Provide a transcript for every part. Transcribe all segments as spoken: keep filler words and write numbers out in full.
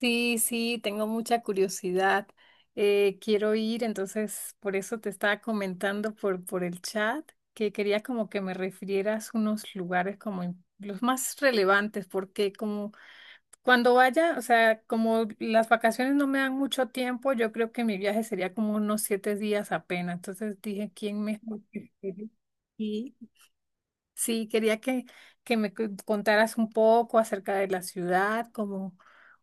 Sí, sí, tengo mucha curiosidad. Eh, quiero ir, entonces por eso te estaba comentando por, por el chat que quería como que me refirieras unos lugares como im- los más relevantes, porque como cuando vaya, o sea, como las vacaciones no me dan mucho tiempo, yo creo que mi viaje sería como unos siete días apenas. Entonces dije, ¿quién mejor que tú? Sí. Sí, quería que, que me cu- contaras un poco acerca de la ciudad, como,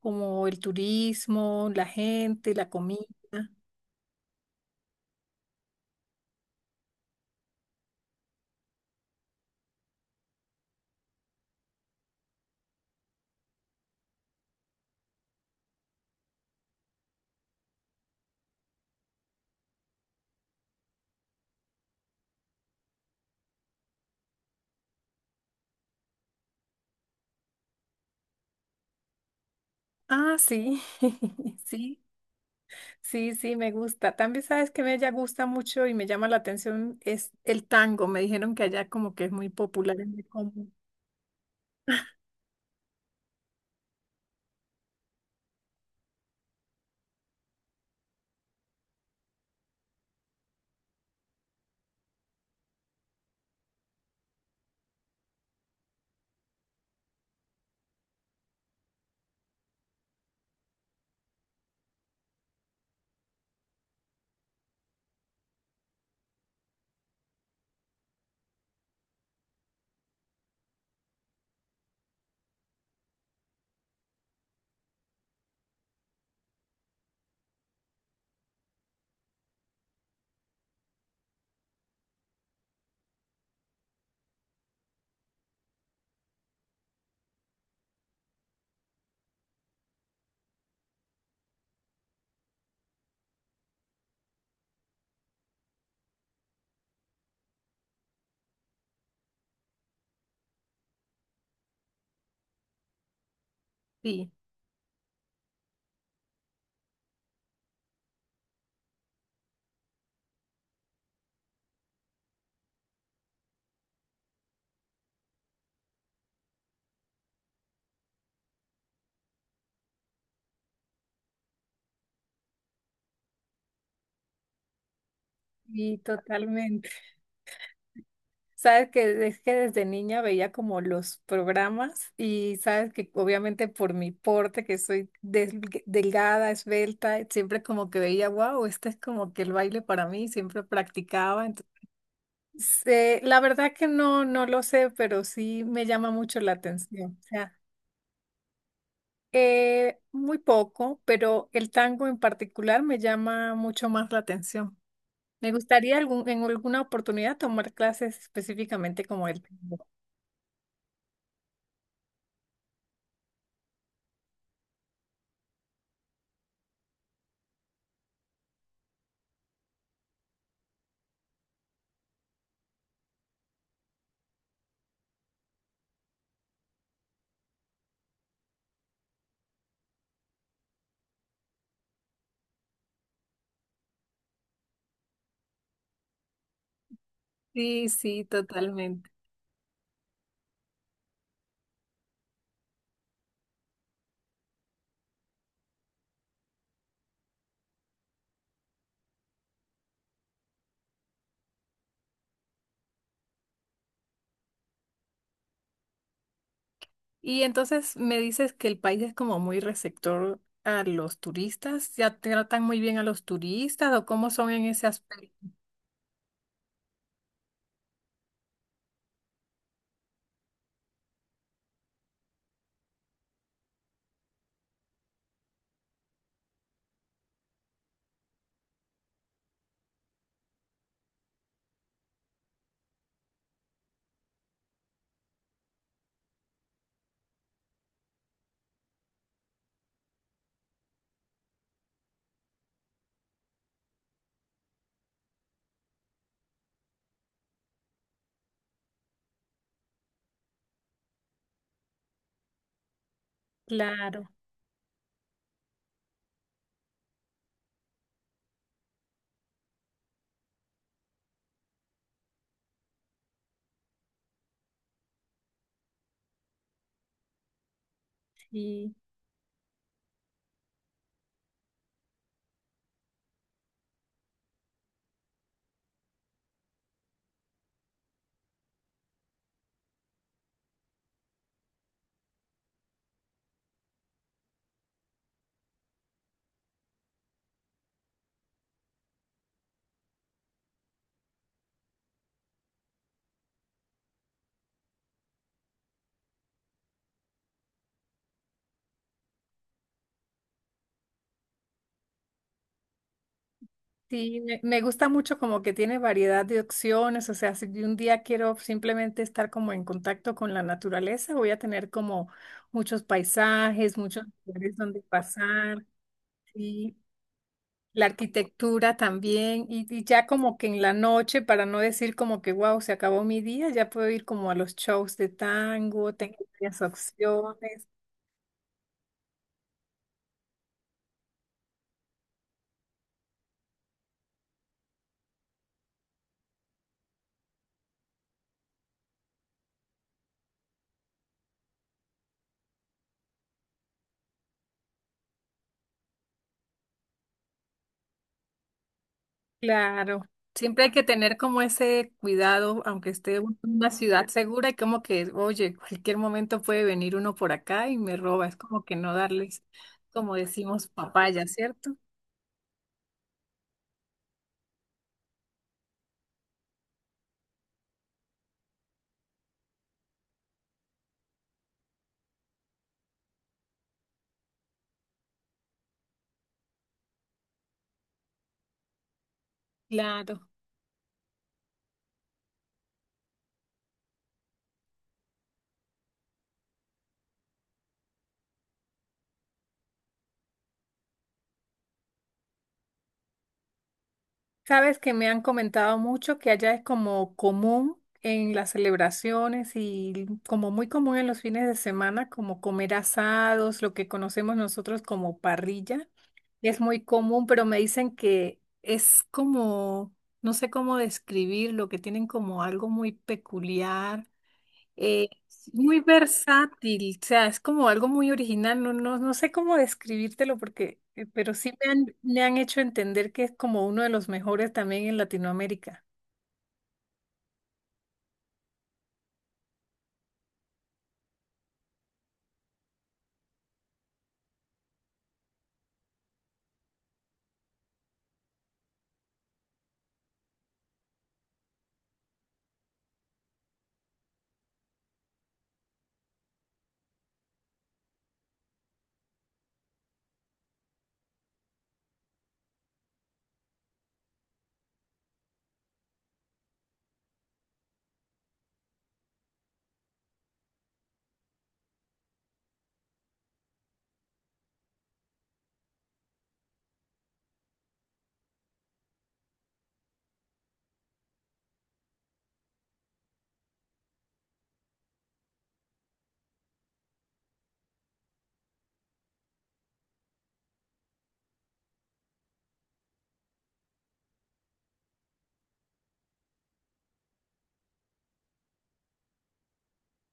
como el turismo, la gente, la comida. Ah, sí, sí, sí, sí, me gusta. También sabes que me ya gusta mucho y me llama la atención es el tango. Me dijeron que allá como que es muy popular en el común. Sí, sí, totalmente. Sabes que es que desde niña veía como los programas, y sabes que obviamente por mi porte, que soy desg- delgada, esbelta, siempre como que veía, wow, este es como que el baile para mí, siempre practicaba. Entonces, eh, la verdad que no, no lo sé, pero sí me llama mucho la atención. O sea, eh, muy poco, pero el tango en particular me llama mucho más la atención. Me gustaría algún, en alguna oportunidad tomar clases específicamente como él. Sí, sí, totalmente. Y entonces me dices que el país es como muy receptor a los turistas, ¿ya tratan muy bien a los turistas o cómo son en ese aspecto? Claro, sí. Sí, me, me gusta mucho como que tiene variedad de opciones. O sea, si un día quiero simplemente estar como en contacto con la naturaleza, voy a tener como muchos paisajes, muchos lugares donde pasar, sí. La arquitectura también, y, y ya como que en la noche, para no decir como que, wow, se acabó mi día, ya puedo ir como a los shows de tango, tengo varias opciones. Claro, siempre hay que tener como ese cuidado, aunque esté en una ciudad segura, y como que, oye, cualquier momento puede venir uno por acá y me roba, es como que no darles, como decimos, papaya, ¿cierto? Claro. Sabes que me han comentado mucho que allá es como común en las celebraciones y como muy común en los fines de semana, como comer asados, lo que conocemos nosotros como parrilla. Es muy común, pero me dicen que es como, no sé cómo describirlo, que tienen como algo muy peculiar. Eh, es muy versátil. O sea, es como algo muy original. No, no, no sé cómo describírtelo porque, eh, pero sí me han, me han hecho entender que es como uno de los mejores también en Latinoamérica.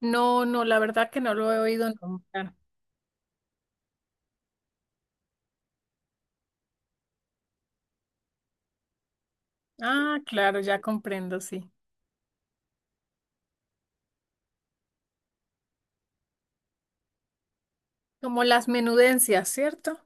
No, no, la verdad que no lo he oído nombrar. Ah, claro, ya comprendo, sí. Como las menudencias, ¿cierto?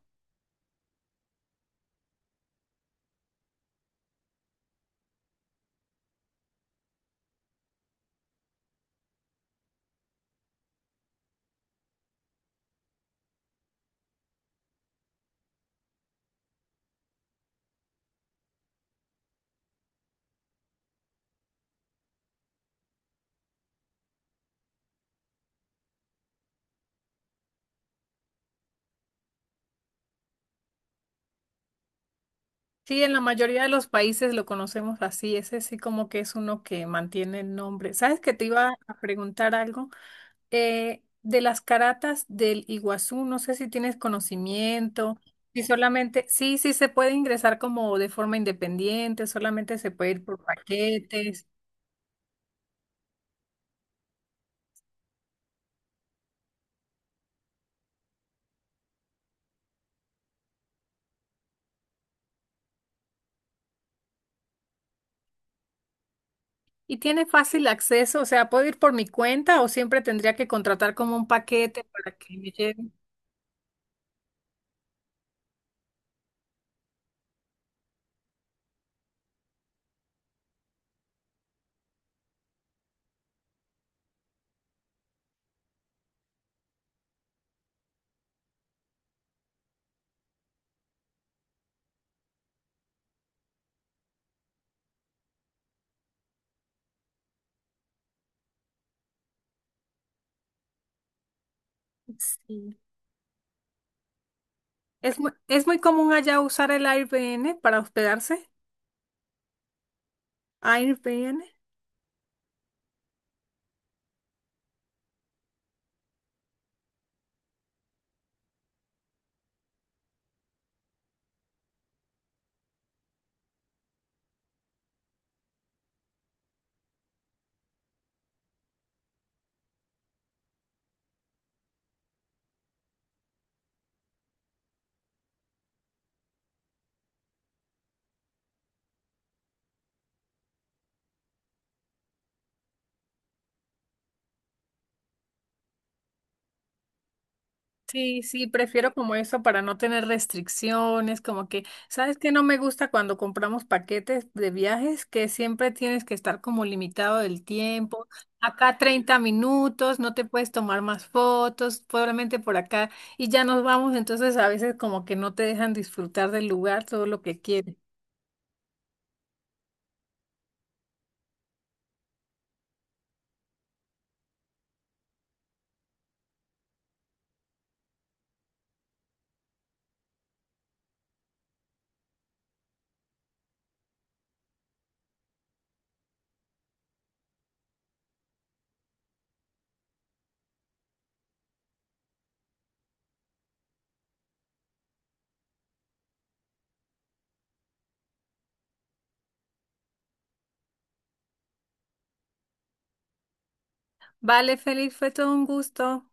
Sí, en la mayoría de los países lo conocemos así, ese sí como que es uno que mantiene el nombre. ¿Sabes que te iba a preguntar algo? Eh, de las caratas del Iguazú, no sé si tienes conocimiento, si solamente, sí, sí se puede ingresar como de forma independiente, solamente se puede ir por paquetes, y tiene fácil acceso. O sea, puedo ir por mi cuenta o siempre tendría que contratar como un paquete para que me lleven. Sí. Es muy, es muy común allá usar el Airbnb para hospedarse. Airbnb. Sí, sí, prefiero como eso para no tener restricciones, como que, ¿sabes qué? No me gusta cuando compramos paquetes de viajes, que siempre tienes que estar como limitado del tiempo. Acá treinta minutos, no te puedes tomar más fotos, probablemente por acá, y ya nos vamos, entonces a veces como que no te dejan disfrutar del lugar todo lo que quieres. Vale, Feliz, fue todo un gusto.